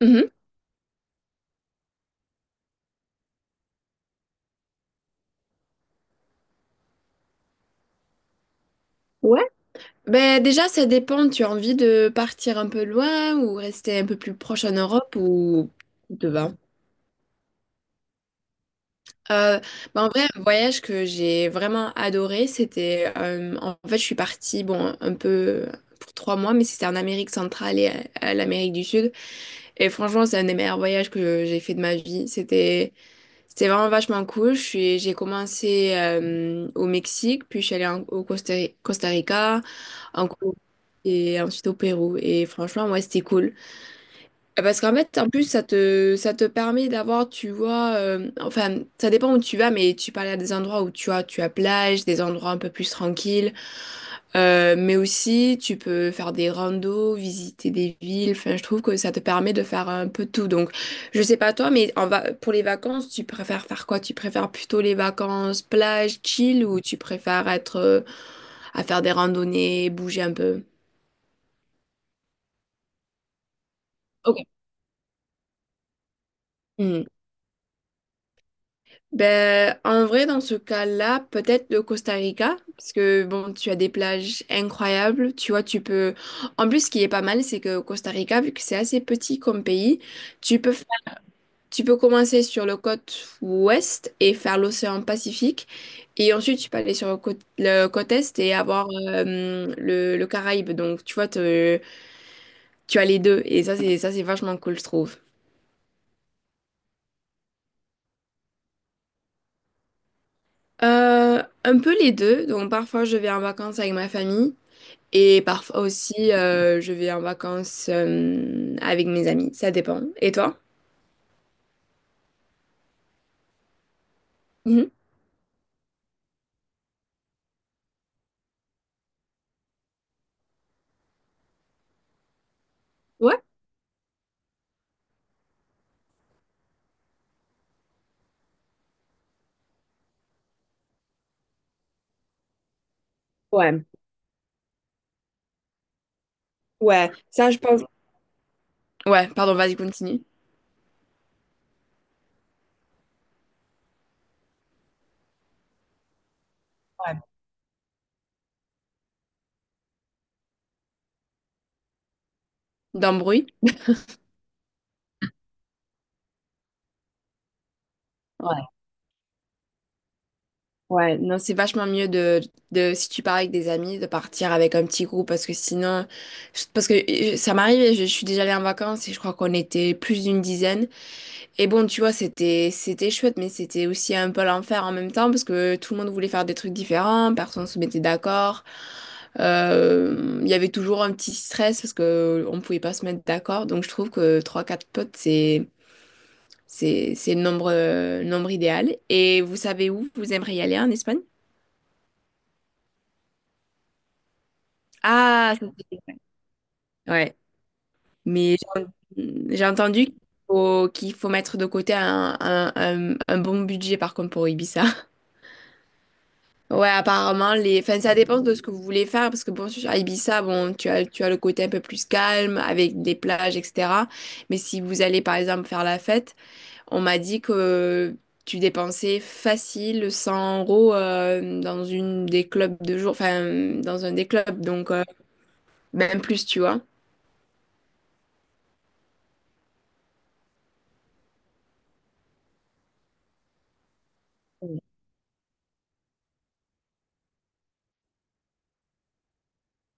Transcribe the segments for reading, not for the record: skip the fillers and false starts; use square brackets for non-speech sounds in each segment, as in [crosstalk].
Mhm. Ouais. Ben déjà, ça dépend. Tu as envie de partir un peu loin ou rester un peu plus proche en Europe ou tout te va. Euh, ben, en vrai, un voyage que j'ai vraiment adoré, c'était en fait, je suis partie bon un peu pour 3 mois, mais c'était en Amérique centrale et à l'Amérique du Sud. Et franchement, c'est un des meilleurs voyages que j'ai fait de ma vie. C'était vraiment vachement cool. J'ai commencé au Mexique, puis je suis allée au Costa Rica, en Colombie et ensuite au Pérou. Et franchement, ouais, c'était cool. Parce qu'en fait, en plus, ça te permet d'avoir, tu vois, enfin, ça dépend où tu vas, mais tu parles à des endroits où tu as plage, des endroits un peu plus tranquilles. Mais aussi tu peux faire des randos, visiter des villes, enfin, je trouve que ça te permet de faire un peu tout. Donc, je sais pas toi, mais en va pour les vacances, tu préfères faire quoi? Tu préfères plutôt les vacances plage, chill, ou tu préfères être à faire des randonnées, bouger un peu? Ok. Ben, en vrai, dans ce cas-là, peut-être le Costa Rica, parce que bon, tu as des plages incroyables, tu vois, En plus, ce qui est pas mal, c'est que au Costa Rica, vu que c'est assez petit comme pays, tu peux faire- tu peux commencer sur le côte ouest et faire l'océan Pacifique, et ensuite tu peux aller sur le côte est et avoir le Caraïbe. Donc, tu vois, tu as les deux, et ça, c'est vachement cool, je trouve. Un peu les deux. Donc parfois je vais en vacances avec ma famille. Et parfois aussi, je vais en vacances avec mes amis. Ça dépend. Et toi? Mhm. Ouais? Ouais, ouais, ça je pense. Ouais, pardon, vas-y, continue. Ouais. D'embrouille? Ouais, ouais. Non, c'est vachement mieux si tu pars avec des amis, de partir avec un petit groupe parce que sinon, parce que ça m'arrive, je suis déjà allée en vacances et je crois qu'on était plus d'une dizaine. Et bon, tu vois, c'était chouette, mais c'était aussi un peu l'enfer en même temps parce que tout le monde voulait faire des trucs différents, personne se mettait d'accord. Il y avait toujours un petit stress parce que on pouvait pas se mettre d'accord. Donc je trouve que trois quatre potes, c'est le nombre idéal. Et vous savez où vous aimeriez aller en Espagne? Ah, ça, ouais. Mais j'ai entendu qu'il faut mettre de côté un bon budget par contre pour Ibiza. Ouais, apparemment, enfin, ça dépend de ce que vous voulez faire, parce que bon, sur Ibiza, bon, tu as le côté un peu plus calme, avec des plages, etc. Mais si vous allez, par exemple, faire la fête, on m'a dit que tu dépensais facile 100 € dans une des clubs de jour, enfin, dans un des clubs, donc même plus, tu vois.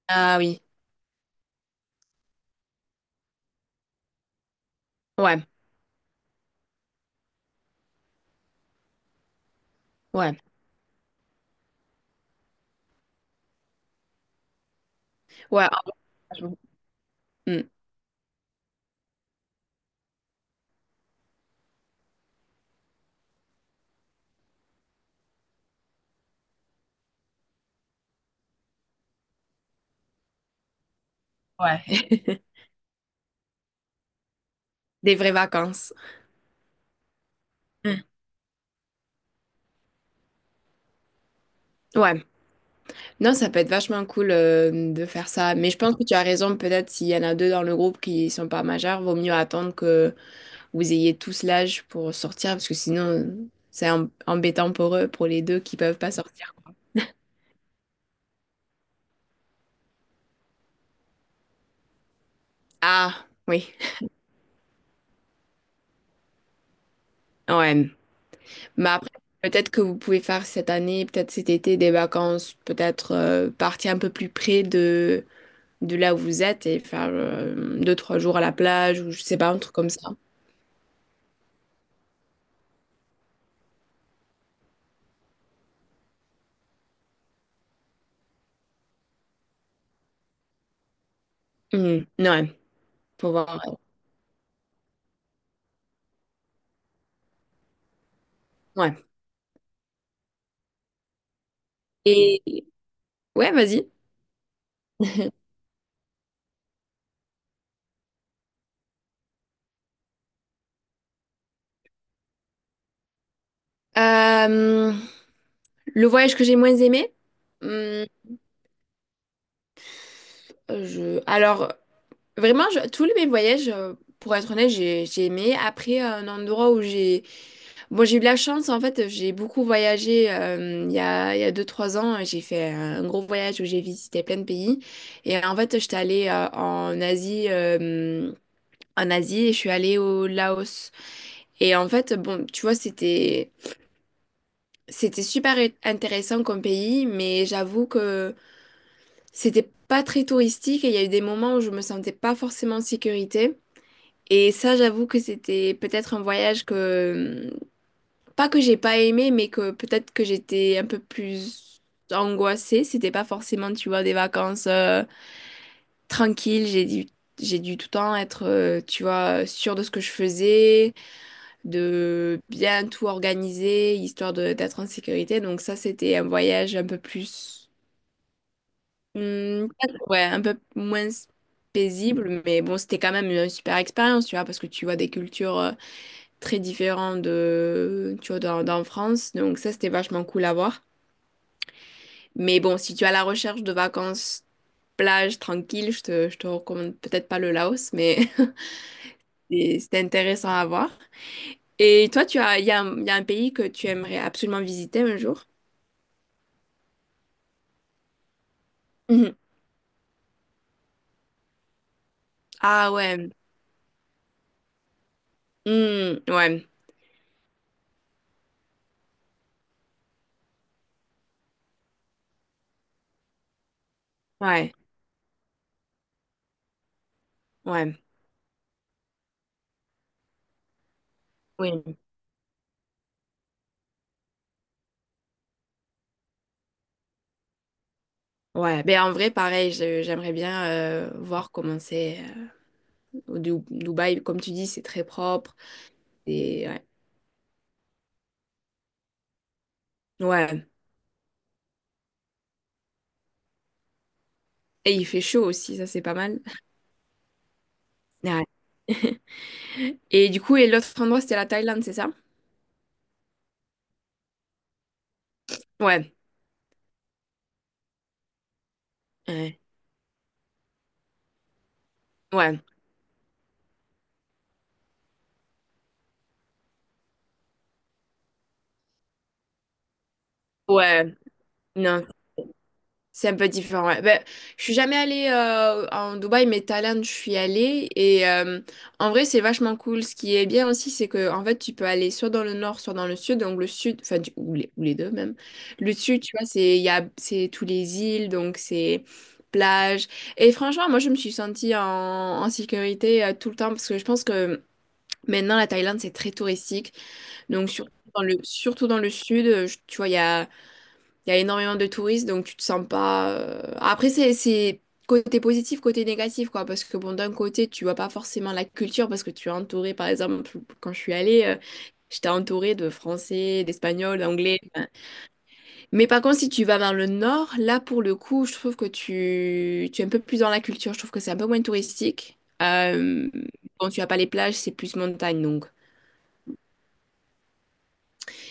Ah oui, ouais, ouais, ouais, ah, franchement. Mm. Ouais. [laughs] Des vraies vacances. Hmm. Ouais. Non, ça peut être vachement cool, de faire ça, mais je pense que tu as raison, peut-être s'il y en a 2 dans le groupe qui sont pas majeurs, vaut mieux attendre que vous ayez tous l'âge pour sortir parce que sinon c'est embêtant pour eux, pour les deux qui peuvent pas sortir. Ah oui, ouais, mais après peut-être que vous pouvez faire cette année, peut-être cet été des vacances, peut-être, partir un peu plus près de là où vous êtes et faire, 2-3 jours à la plage ou je sais pas, un truc comme ça. Mmh, ouais, faut voir, ouais. Ouais. et Ouais, vas-y. [laughs] Euh, le voyage que j'ai moins aimé, hum, alors vraiment, tous les mes voyages, pour être honnête, j'ai aimé. Après, un endroit où j'ai... Bon, j'ai eu de la chance, en fait, j'ai beaucoup voyagé il y a 2-3 ans. J'ai fait un gros voyage où j'ai visité plein de pays. Et en fait, j'étais allée en Asie et je suis allée au Laos. Et en fait, bon, tu vois, C'était super intéressant comme pays, mais j'avoue que c'était pas très touristique et il y a eu des moments où je me sentais pas forcément en sécurité. Et ça, j'avoue que c'était peut-être un voyage que, pas que j'ai pas aimé, mais que peut-être que j'étais un peu plus angoissée. C'était pas forcément, tu vois, des vacances tranquilles. J'ai dû tout le temps être, tu vois, sûre de ce que je faisais, de bien tout organiser, histoire d'être en sécurité. Donc ça, c'était un voyage un peu plus, hmm, ouais, un peu moins paisible, mais bon, c'était quand même une super expérience, tu vois, parce que tu vois des cultures très différentes de, tu vois, dans France, donc ça, c'était vachement cool à voir. Mais bon, si tu es à la recherche de vacances plage tranquille, je te recommande peut-être pas le Laos, mais [laughs] c'était intéressant à voir. Et toi, tu as, il y a, un- il y a un pays que tu aimerais absolument visiter un jour? Mhm. Ah ouais. Hmm, ouais, ouais, ouais. Oui. Ouais, ben en vrai, pareil, j'aimerais bien voir comment c'est au Dubaï. Comme tu dis, c'est très propre. Et, ouais. Ouais. Et il fait chaud aussi, ça c'est pas mal. Ouais. Et du coup, et l'autre endroit, c'était la Thaïlande, c'est ça? Ouais. Ouais. Ouais. Ouais. Non. C'est un peu différent, ouais. Ben, je suis jamais allée en Dubaï, mais Thaïlande, je suis allée. Et en vrai, c'est vachement cool. Ce qui est bien aussi, c'est que en fait, tu peux aller soit dans le nord, soit dans le sud. Donc le sud, enfin, ou les deux même. Le sud, tu vois, c'est il y a, c'est tous les îles, donc c'est plage. Et franchement, moi, je me suis sentie en sécurité tout le temps parce que je pense que maintenant, la Thaïlande, c'est très touristique. Donc surtout dans le sud, tu vois, Il y a énormément de touristes, donc tu te sens pas. Après, c'est côté positif, côté négatif, quoi. Parce que, bon, d'un côté, tu vois pas forcément la culture, parce que tu es entouré, par exemple, quand je suis allée, j'étais entourée de Français, d'Espagnols, d'Anglais. Enfin. Mais par contre, si tu vas vers le nord, là, pour le coup, je trouve que tu es un peu plus dans la culture. Je trouve que c'est un peu moins touristique. Bon, tu as pas les plages, c'est plus montagne, donc.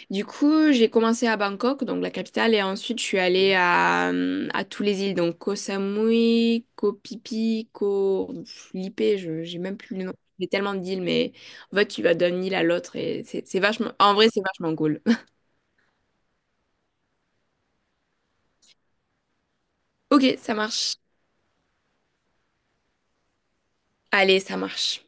Du coup, j'ai commencé à Bangkok, donc la capitale, et ensuite je suis allée à tous les îles, donc Koh Samui, Koh Phi Phi, Koh Lipe, je j'ai même plus le nom. J'ai tellement d'îles, mais en fait, tu vas d'une île à l'autre et c'est vachement. En vrai, c'est vachement cool. [laughs] Ok, ça marche. Allez, ça marche.